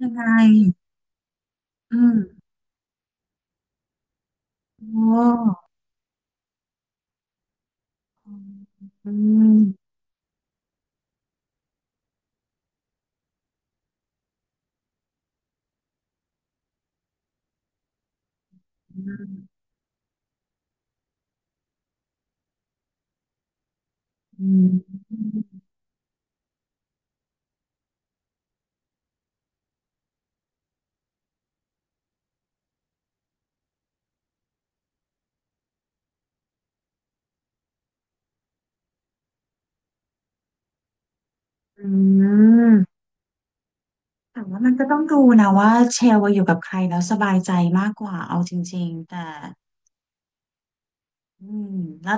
ยังไงอืมโอ้อืมอืมอืมอืมแต่ว่ามันก็ต้องดูนะว่าเชลว่าอยู่กับใครแล้วสบายใจมากกว่าเอาจริงๆแต่อืมแล้ว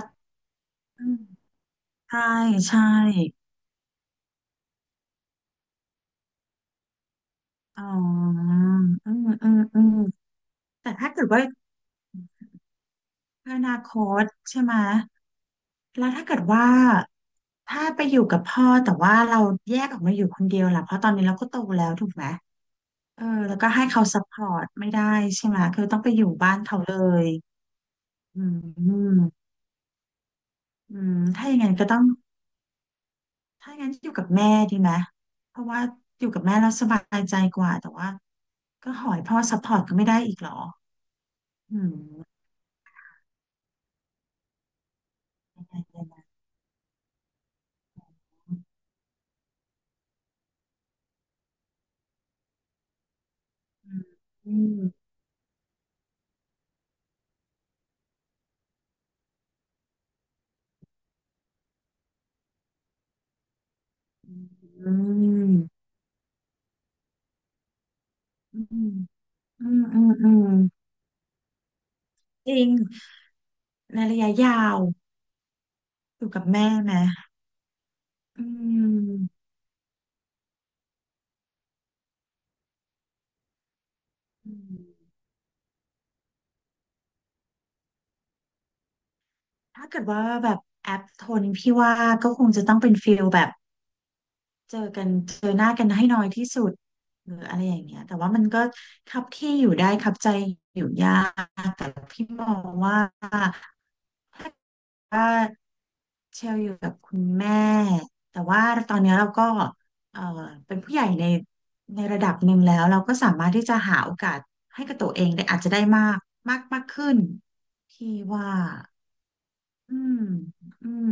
อืมใช่ใช่อ๋ออืมอืมอืมแต่ถ้าเกิดว่าอนาคตใช่ไหมแล้วถ้าเกิดว่าถ้าไปอยู่กับพ่อแต่ว่าเราแยกออกมาอยู่คนเดียวล่ะเพราะตอนนี้เราก็โตแล้วถูกไหม เออแล้วก็ให้เขาซัพพอร์ตไม่ได้ใช่ไหมคือต้องไปอยู่บ้านเขาเลยอืมอืมอืมถ้าอย่างนั้นก็ต้องถ้าอย่างนั้นอยู่กับแม่ดีไหมเพราะว่าอยู่กับแม่แล้วสบายใจกว่าแต่ว่าก็หอยพ่อซัพพอร์ตก็ไม่ได้อีกเหรออืมอืมอืมอืมอืมอืมอืมอืมจริงในระยะยาวอยู่กับแม่ไหมอืมอืม ถ้าเกิดว่าแบบแอปโทนพี่ว่าก็คงจะต้องเป็นฟิลแบบเจอกันเจอหน้ากันให้น้อยที่สุดหรืออะไรอย่างเงี้ยแต่ว่ามันก็คับที่อยู่ได้คับใจอยู่ยากแต่พี่มองว่าถ้าเกิดว่าเชลอยู่กับคุณแม่แต่ว่าตอนนี้ยเราก็เอ่อเป็นผู้ใหญ่ในระดับหนึ่งแล้วเราก็สามารถที่จะหาโอกาสให้กับตัวเองได้อาจจะได้มากมากมากขึ้นพี่ว่าอืมอืม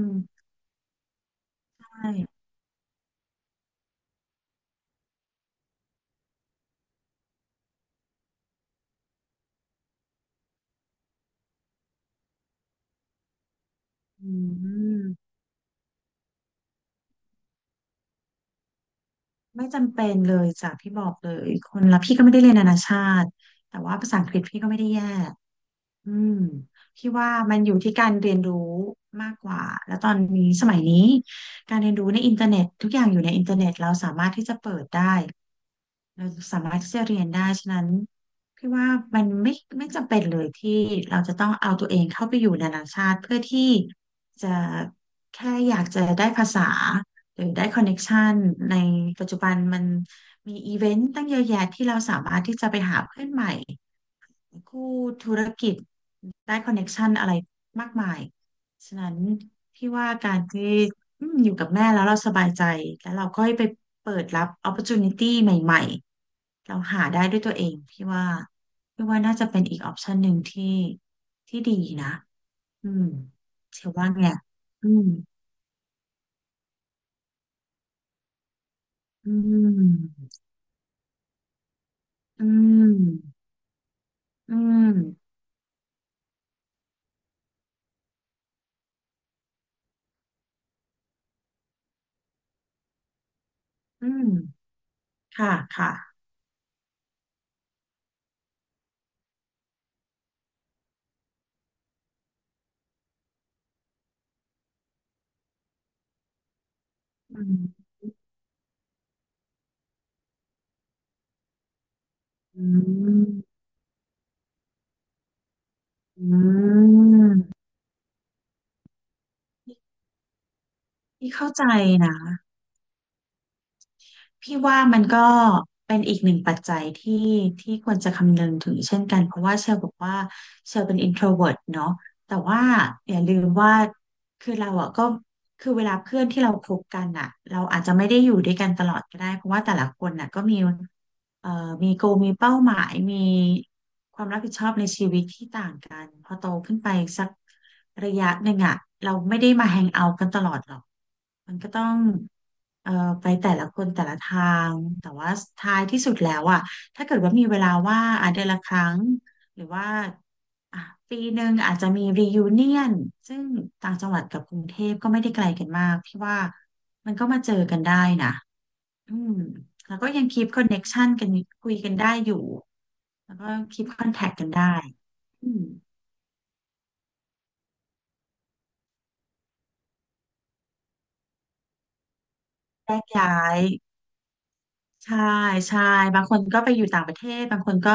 ใช่ อืมไม่จำเป็นเลยจากพี่บอกเลยคนละพี่ก็ไม่ได้เรียนนานาชาติแต่ว่าภาษาอังกฤษพี่ก็ไม่ได้แย่ อืมพี่ว่ามันอยู่ที่การเรียนรู้มากกว่า แล้วตอนนี้สมัยนี้การเรียนรู้ในอินเทอร์เน็ตทุกอย่างอยู่ในอินเทอร์เน็ตเราสามารถที่จะเปิดได้เราสามารถที่จะเรียนได้ฉะนั้นพี่ว่ามันไม่จำเป็นเลยที่เราจะต้องเอาตัวเองเข้าไปอยู่นานาชาติเพื่อที่จะแค่อยากจะได้ภาษาหรือได้คอนเน็กชันในปัจจุบันมันมีอีเวนต์ตั้งเยอะแยะที่เราสามารถที่จะไปหาเพื่อนใหม่ คู่ธุรกิจได้คอนเน็กชันอะไรมากมาย ฉะนั้นพี่ว่าการที่อืมอยู่กับแม่แล้วเราสบายใจแล้วเราค่อยไปเปิดรับ opportunity ใหม่ๆเราหาได้ด้วยตัวเองพี่ว่าพี่ว่าน่าจะเป็นอีกออปชันหนึ่งที่ดีนะอืมเชื่อว่าไงอืมอืมอืมอืมอืมค่ะค่ะอืมอืมอืม พี่เข้าใจนะพี่ว่ามันก็เป็นอีกหนึ่งปัจจัยที่ควรจะคำนึงถึงเช่นกันเพราะว่าเชลบอกว่าเชลเป็น introvert เนาะแต่ว่าอย่าลืมว่าคือเราอ่ะก็คือเวลาเพื่อนที่เราคบกันอ่ะเราอาจจะไม่ได้อยู่ด้วยกันตลอดก็ได้เพราะว่าแต่ละคนน่ะก็มีเอ่อมีโกมีเป้าหมายมีความรับผิดชอบในชีวิตที่ต่างกันพอโตขึ้นไปสักระยะหนึ่งอ่ะเราไม่ได้มาแฮงเอาท์กันตลอดหรอกมันก็ต้อง เอ่อไปแต่ละคนแต่ละทางแต่ว่าท้ายที่สุดแล้วอ่ะถ้าเกิดว่ามีเวลาว่างอ่ะเดือนละครั้งหรือว่าอ่ะปีหนึ่งอาจจะมี reunion ซึ่งต่างจังหวัดกับกรุงเทพก็ไม่ได้ไกลกันมากพี่ว่ามันก็มาเจอกันได้นะอืมแล้วก็ยังคีปคอนเน็กชันกันคุยกันได้อยู่แล้วก็คีปคอนแทคกันได้อืมแยกย้าย ใช่ใช่บางคนก็ไปอยู่ต่างประเทศบางคนก็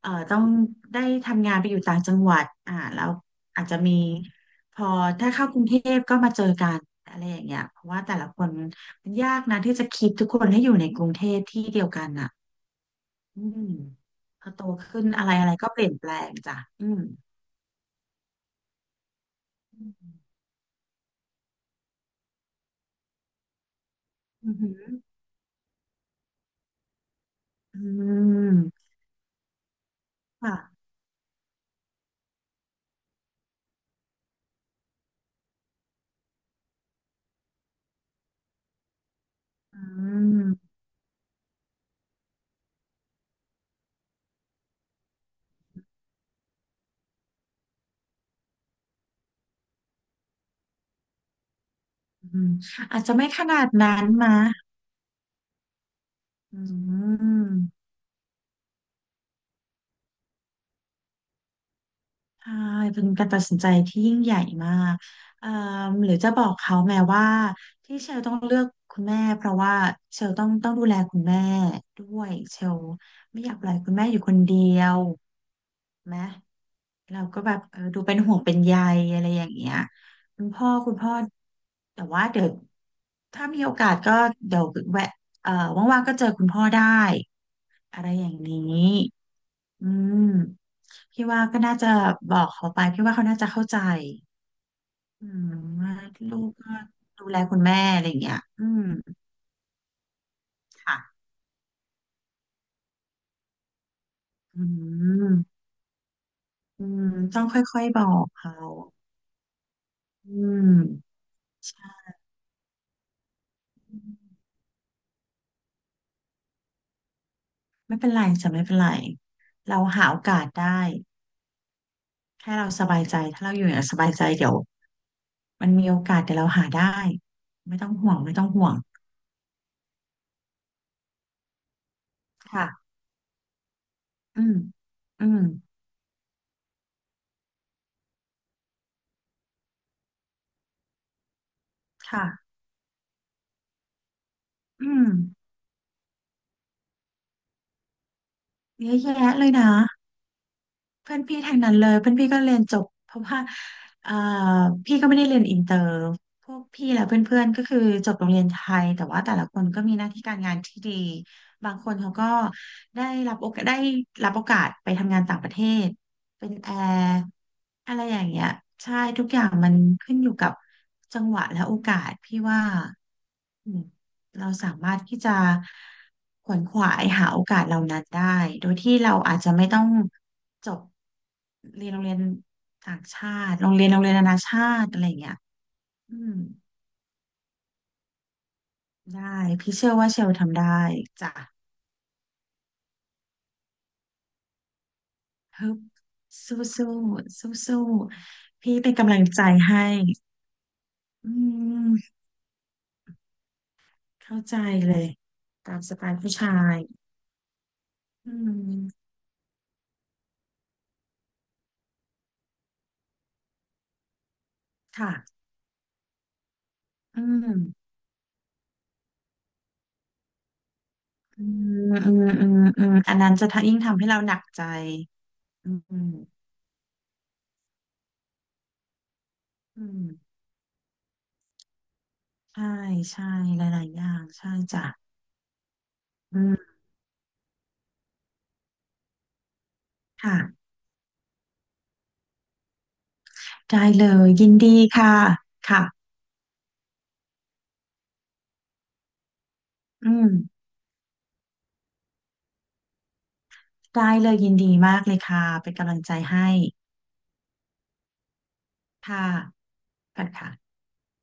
ต้องได้ทำงานไปอยู่ต่างจังหวัดอ่าแล้วอาจจะมีพอถ้าเข้ากรุงเทพก็มาเจอกันอะไรอย่างเงี้ยเพราะว่าแต่ละคนมันยากนะที่จะคิดทุกคนให้อยู่ในกรุงเทพที่เดียวกันอ่ะอืมพอโตขึ้นอะไรอะไรก็เปลี่ยนแปลงจ้ะอืมอืมอือหืออืมค่ะอืมอืมอาจจะไม่ขนาดนั้นมาอืม ใช่เป็นการตัดสินใจที่ยิ่งใหญ่มากเอ่อหรือจะบอกเขาแม้ว่าที่เชลต้องเลือกคุณแม่เพราะว่าเชลต้องดูแลคุณแม่ด้วยเชลไม่อยากปล่อยคุณแม่อยู่คนเดียวไหม เราก็แบบเออดูเป็นห่วงเป็นใยอะไรอย่างเงี้ยคุณพ่อแต่ว่าเดี๋ยวถ้ามีโอกาสก็เดี๋ยวแวะเอ่อว่างๆก็เจอคุณพ่อได้อะไรอย่างนี้อืมพี่ว่าก็น่าจะบอกเขาไปพี่ว่าเขาน่าจะเข้าใจอืมว่าลูกก็ดูแลคุณแม่อะไรอย่างเงี้ยอืมค่ะอืมอืมต้องค่อยๆบอกเขาอืม ไม่เป็นไรจะไม่เป็นไรเราหาโอกาสได้แค่เราสบายใจถ้าเราอยู่อย่างสบายใจเดี๋ยวมันมีโอกาสเดี๋ยวเราหาได้ไม่ต้องห่วงไม่ต้องห่วงค่ะอืมอืมค่ะอืมเยอะแยะเลยนะ เพื่อนพี่ทางนั้นเลยเพื่อนพี่ก็เรียนจบเพราะว่าเอ่อพี่ก็ไม่ได้เรียนอินเตอร์พวกพี่และเพื่อนๆก็คือจบโรงเรียนไทยแต่ว่าแต่ละคนก็มีหน้าที่การงานที่ดีบางคนเขาก็ได้ได้รับโอกาสไปทำงานต่างประเทศเป็นแอร์อะไรอย่างเงี้ยใช่ทุกอย่างมันขึ้นอยู่กับจังหวะและโอกาสพี่ว่าอืมเราสามารถที่จะขวนขวายหาโอกาสเหล่านั้นได้โดยที่เราอาจจะไม่ต้อง จบเรียนโรงเรียนต่างชาติโรงเรียนนานาชาติอะไรอย่างเงี้ยอืมได้พี่เชื่อว่าเชลทำได้จ้ะฮึบสู้สู้สู้สู้ๆพี่เป็นกำลังใจให้อืมเข้าใจเลยตามสไตล์ผู้ชายอืมค่ะอืมอืมอืมอืมอืมอันนั้นจะทะยิ่งทำให้เราหนักใจอืมอืมใช่ใช่หลายๆอย่างใช่จ้ะอืมค่ะ ได้เลยยินดีค่ะ ค่ะอืมได้เลยยินดีมากเลยค่ะ เป็นกำลังใจให้ค่ะค่ะค่ะ